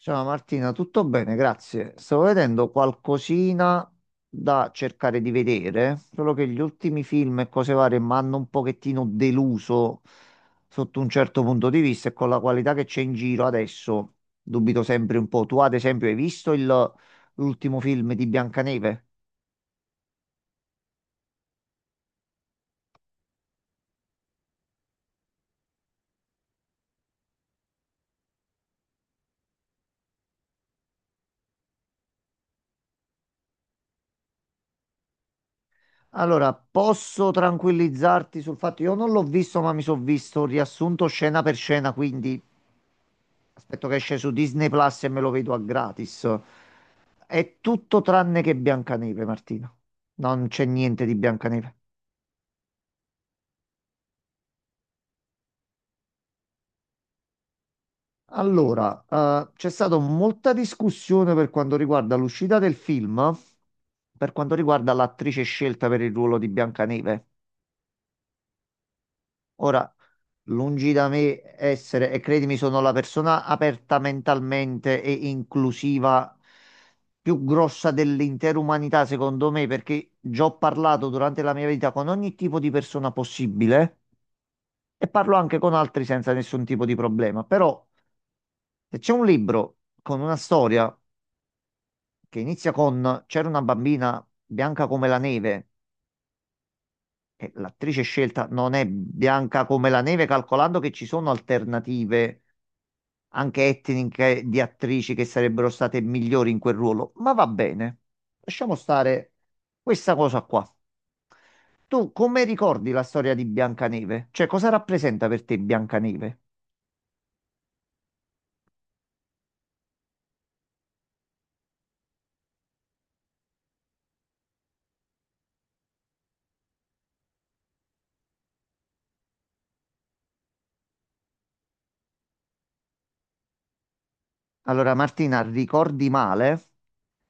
Ciao Martina, tutto bene, grazie. Stavo vedendo qualcosina da cercare di vedere, solo che gli ultimi film e cose varie mi hanno un pochettino deluso sotto un certo punto di vista e con la qualità che c'è in giro adesso dubito sempre un po'. Tu ad esempio hai visto l'ultimo film di Biancaneve? Allora, posso tranquillizzarti sul fatto, io non l'ho visto, ma mi sono visto riassunto scena per scena, quindi aspetto che esce su Disney Plus e me lo vedo a gratis. È tutto tranne che Biancaneve, Martina. Non c'è niente di Biancaneve. Allora, c'è stata molta discussione per quanto riguarda l'uscita del film, per quanto riguarda l'attrice scelta per il ruolo di Biancaneve. Ora, lungi da me essere, e credimi, sono la persona aperta mentalmente e inclusiva più grossa dell'intera umanità, secondo me, perché già ho parlato durante la mia vita con ogni tipo di persona possibile e parlo anche con altri senza nessun tipo di problema. Però, se c'è un libro con una storia che inizia con «C'era una bambina bianca come la neve», e l'attrice scelta non è bianca come la neve, calcolando che ci sono alternative anche etniche di attrici che sarebbero state migliori in quel ruolo, ma va bene. Lasciamo stare questa cosa qua. Tu come ricordi la storia di Biancaneve? Cioè, cosa rappresenta per te Biancaneve? Allora, Martina, ricordi male?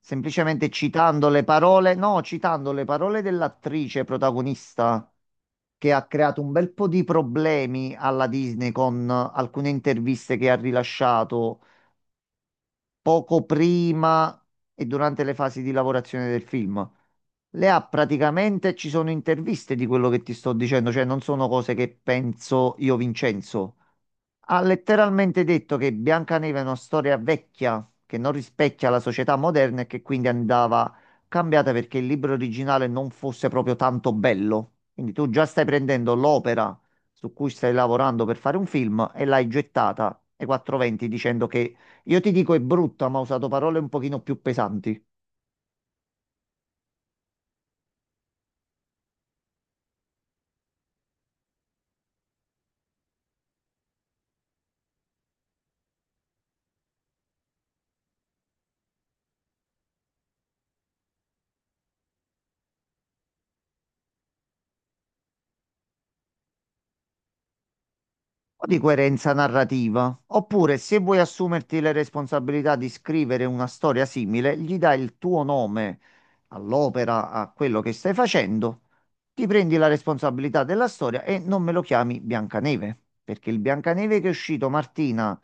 Semplicemente citando le parole, no, citando le parole dell'attrice protagonista che ha creato un bel po' di problemi alla Disney con alcune interviste che ha rilasciato poco prima e durante le fasi di lavorazione del film. Le ha praticamente, ci sono interviste di quello che ti sto dicendo, cioè non sono cose che penso io, Vincenzo. Ha letteralmente detto che Biancaneve è una storia vecchia che non rispecchia la società moderna e che quindi andava cambiata perché il libro originale non fosse proprio tanto bello. Quindi tu già stai prendendo l'opera su cui stai lavorando per fare un film e l'hai gettata ai 420 dicendo che io ti dico è brutta, ma ho usato parole un pochino più pesanti. Po' di coerenza narrativa. Oppure, se vuoi assumerti le responsabilità di scrivere una storia simile, gli dai il tuo nome all'opera, a quello che stai facendo, ti prendi la responsabilità della storia e non me lo chiami Biancaneve, perché il Biancaneve che è uscito, Martina,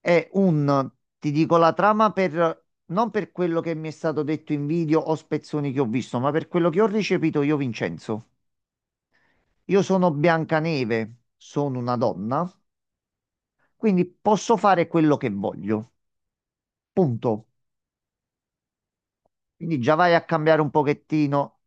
è un, ti dico la trama per... Non per quello che mi è stato detto in video o spezzoni che ho visto, ma per quello che ho ricepito io, Vincenzo. Io sono Biancaneve, sono una donna quindi posso fare quello che voglio. Punto. Quindi già vai a cambiare un pochettino.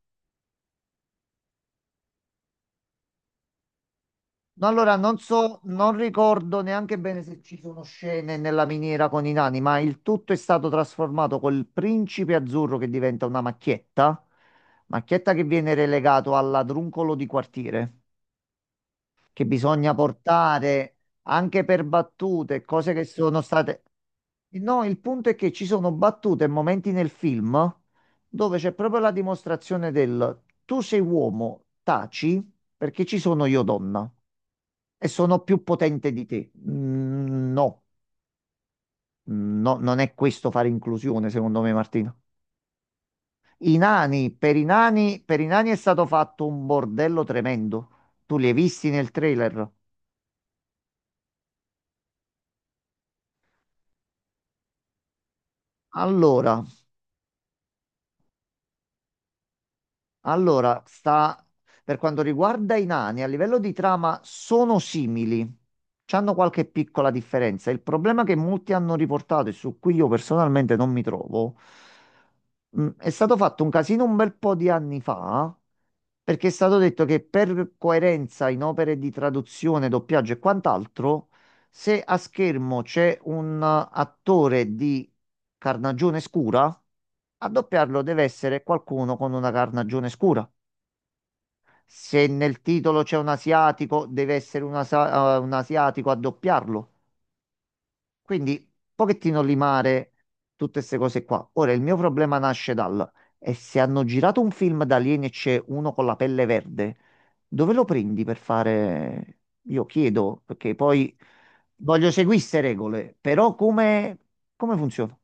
No, allora non so, non ricordo neanche bene se ci sono scene nella miniera con i nani, ma il tutto è stato trasformato col principe azzurro che diventa una macchietta, macchietta che viene relegato al ladruncolo di quartiere. Che bisogna portare anche per battute, cose che sono state... No, il punto è che ci sono battute e momenti nel film dove c'è proprio la dimostrazione del «tu sei uomo, taci perché ci sono io donna e sono più potente di te». Mm, no, no, non è questo fare inclusione, secondo me, Martino. I nani, per i nani è stato fatto un bordello tremendo. Tu li hai visti nel trailer? Allora, Allora, sta per quanto riguarda i nani, a livello di trama sono simili, c'hanno qualche piccola differenza. Il problema che molti hanno riportato e su cui io personalmente non mi trovo, è stato fatto un casino un bel po' di anni fa, perché è stato detto che per coerenza in opere di traduzione, doppiaggio e quant'altro, se a schermo c'è un attore di carnagione scura, a doppiarlo deve essere qualcuno con una carnagione scura. Se nel titolo c'è un asiatico, deve essere un asiatico a doppiarlo. Quindi, un pochettino limare tutte queste cose qua. Ora, il mio problema nasce dal... E se hanno girato un film da alieni e c'è uno con la pelle verde, dove lo prendi per fare... Io chiedo, perché poi voglio seguire queste regole, però come, come funziona?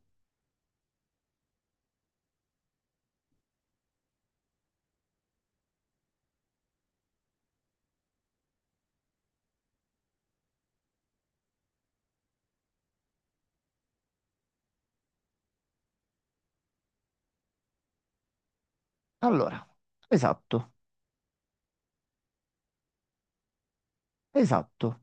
Allora, esatto, esatto.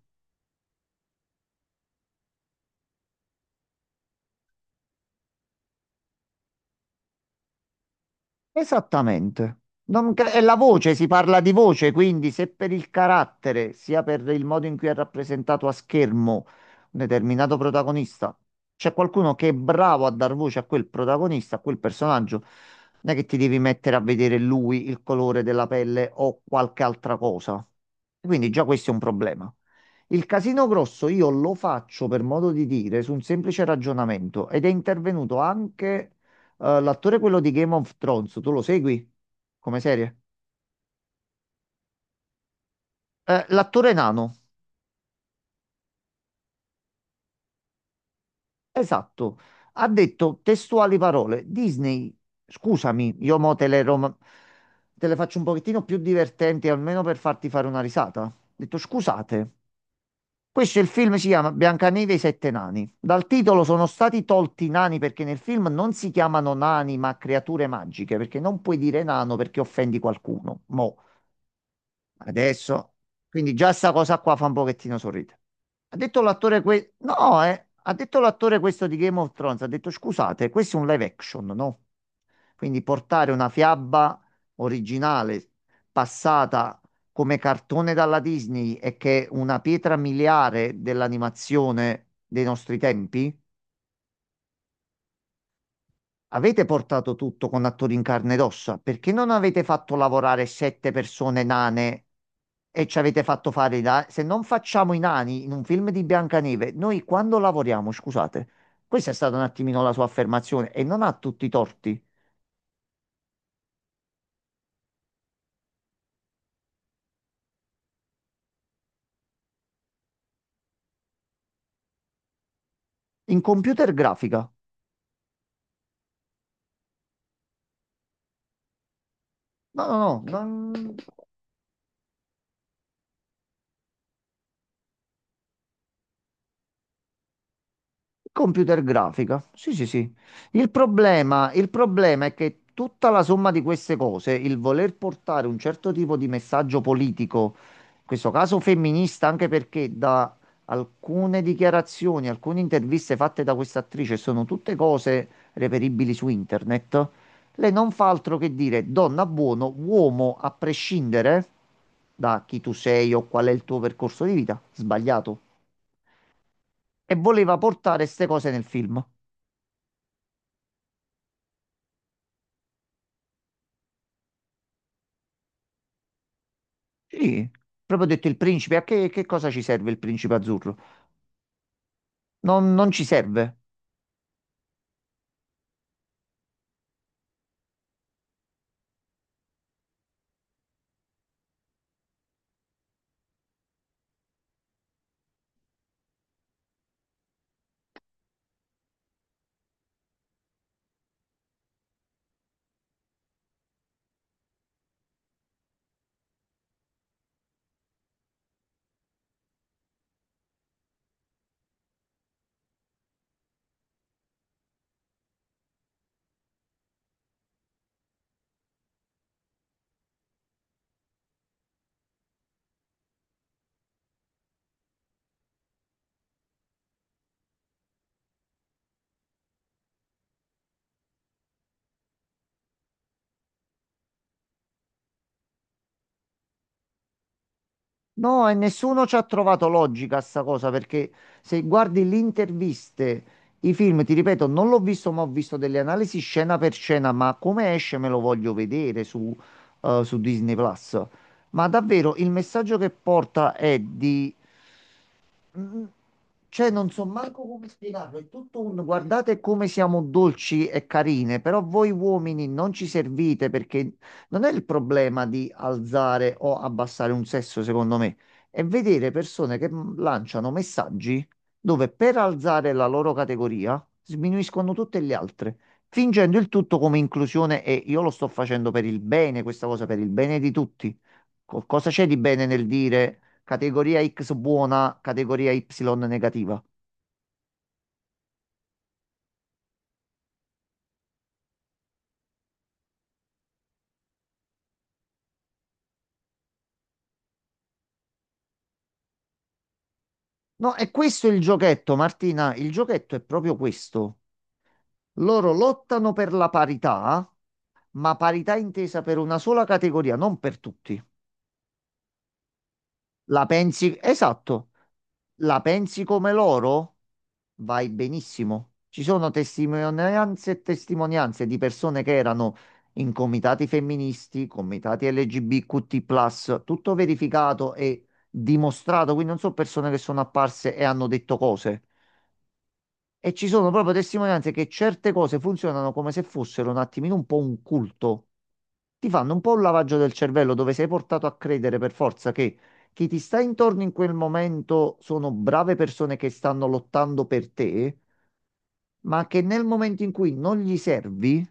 Esattamente. Non è la voce, si parla di voce, quindi se per il carattere, sia per il modo in cui è rappresentato a schermo un determinato protagonista, c'è qualcuno che è bravo a dar voce a quel protagonista, a quel personaggio, non è che ti devi mettere a vedere lui, il colore della pelle o qualche altra cosa. Quindi già questo è un problema. Il casino grosso io lo faccio per modo di dire su un semplice ragionamento ed è intervenuto anche l'attore quello di Game of Thrones, tu lo segui come serie? L'attore nano, esatto, ha detto testuali parole. Disney, scusami, io mo te le, te le faccio un pochettino più divertenti, almeno per farti fare una risata. Ha detto scusate, questo è il film si chiama Biancaneve e i sette nani. Dal titolo sono stati tolti i nani perché nel film non si chiamano nani ma creature magiche, perché non puoi dire nano perché offendi qualcuno. Mo. Adesso, quindi già sta cosa qua fa un pochettino sorridere. Ha detto l'attore que- no, eh. Ha detto l'attore questo di Game of Thrones, ha detto scusate, questo è un live action, no? Quindi portare una fiaba originale passata come cartone dalla Disney e che è una pietra miliare dell'animazione dei nostri tempi. Avete portato tutto con attori in carne ed ossa, perché non avete fatto lavorare sette persone nane e ci avete fatto fare i nani? Se non facciamo i nani in un film di Biancaneve, noi quando lavoriamo, scusate, questa è stata un attimino la sua affermazione e non ha tutti i torti. In computer grafica, no, no, no, computer grafica, sì, sì, sì. Il problema è che tutta la somma di queste cose, il voler portare un certo tipo di messaggio politico, in questo caso femminista, anche perché da alcune dichiarazioni, alcune interviste fatte da questa attrice sono tutte cose reperibili su internet, lei non fa altro che dire donna buono, uomo a prescindere da chi tu sei o qual è il tuo percorso di vita, sbagliato. E voleva portare queste cose nel film. Sì, proprio ho detto il principe, a che cosa ci serve il principe azzurro? Non ci serve. No, e nessuno ci ha trovato logica a sta cosa, perché se guardi le interviste, i film, ti ripeto, non l'ho visto, ma ho visto delle analisi scena per scena, ma come esce me lo voglio vedere su Disney Plus. Ma davvero il messaggio che porta è di Mm, cioè, non so manco come spiegarlo, è tutto un guardate come siamo dolci e carine, però voi uomini non ci servite perché non è il problema di alzare o abbassare un sesso, secondo me, è vedere persone che lanciano messaggi dove per alzare la loro categoria sminuiscono tutte le altre, fingendo il tutto come inclusione e io lo sto facendo per il bene, questa cosa per il bene di tutti. Cosa c'è di bene nel dire? Categoria X buona, categoria Y negativa. No, è questo il giochetto, Martina. Il giochetto è proprio questo. Loro lottano per la parità, ma parità intesa per una sola categoria, non per tutti. La pensi? Esatto. La pensi come loro? Vai benissimo. Ci sono testimonianze e testimonianze di persone che erano in comitati femministi, comitati LGBTQ+, tutto verificato e dimostrato, quindi non sono persone che sono apparse e hanno detto cose. E ci sono proprio testimonianze che certe cose funzionano come se fossero un attimino un po' un culto. Ti fanno un po' un lavaggio del cervello dove sei portato a credere per forza che chi ti sta intorno in quel momento sono brave persone che stanno lottando per te, ma che nel momento in cui non gli servi,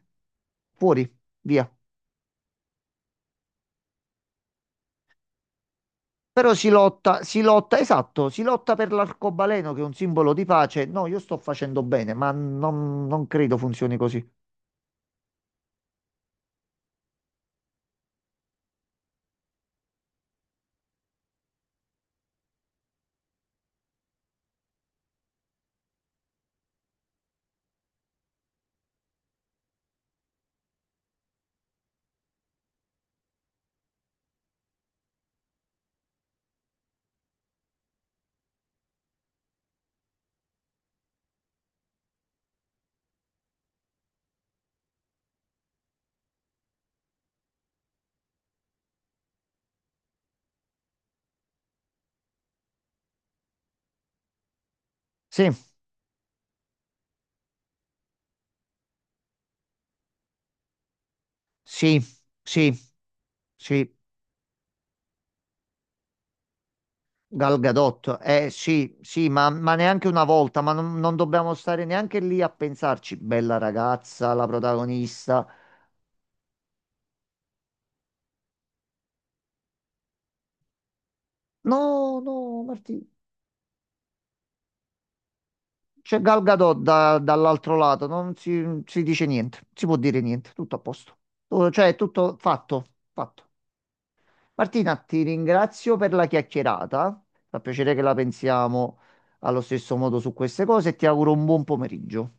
fuori, via. Però si lotta, esatto, si lotta per l'arcobaleno che è un simbolo di pace. No, io sto facendo bene, ma non, non credo funzioni così. Sì, sì, sì. Sì, Gal Gadot, eh sì, sì, ma neanche una volta, ma non dobbiamo stare neanche lì a pensarci, bella ragazza, la protagonista. No, no, Martì, c'è Gal Gadot dall'altro lato, non si dice niente, si può dire niente, tutto a posto. Tu- Cioè, è tutto fatto, fatto. Martina, ti ringrazio per la chiacchierata, fa piacere che la pensiamo allo stesso modo su queste cose e ti auguro un buon pomeriggio.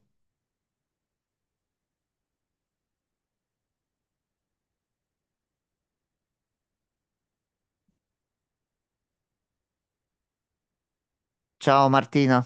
Ciao Martina.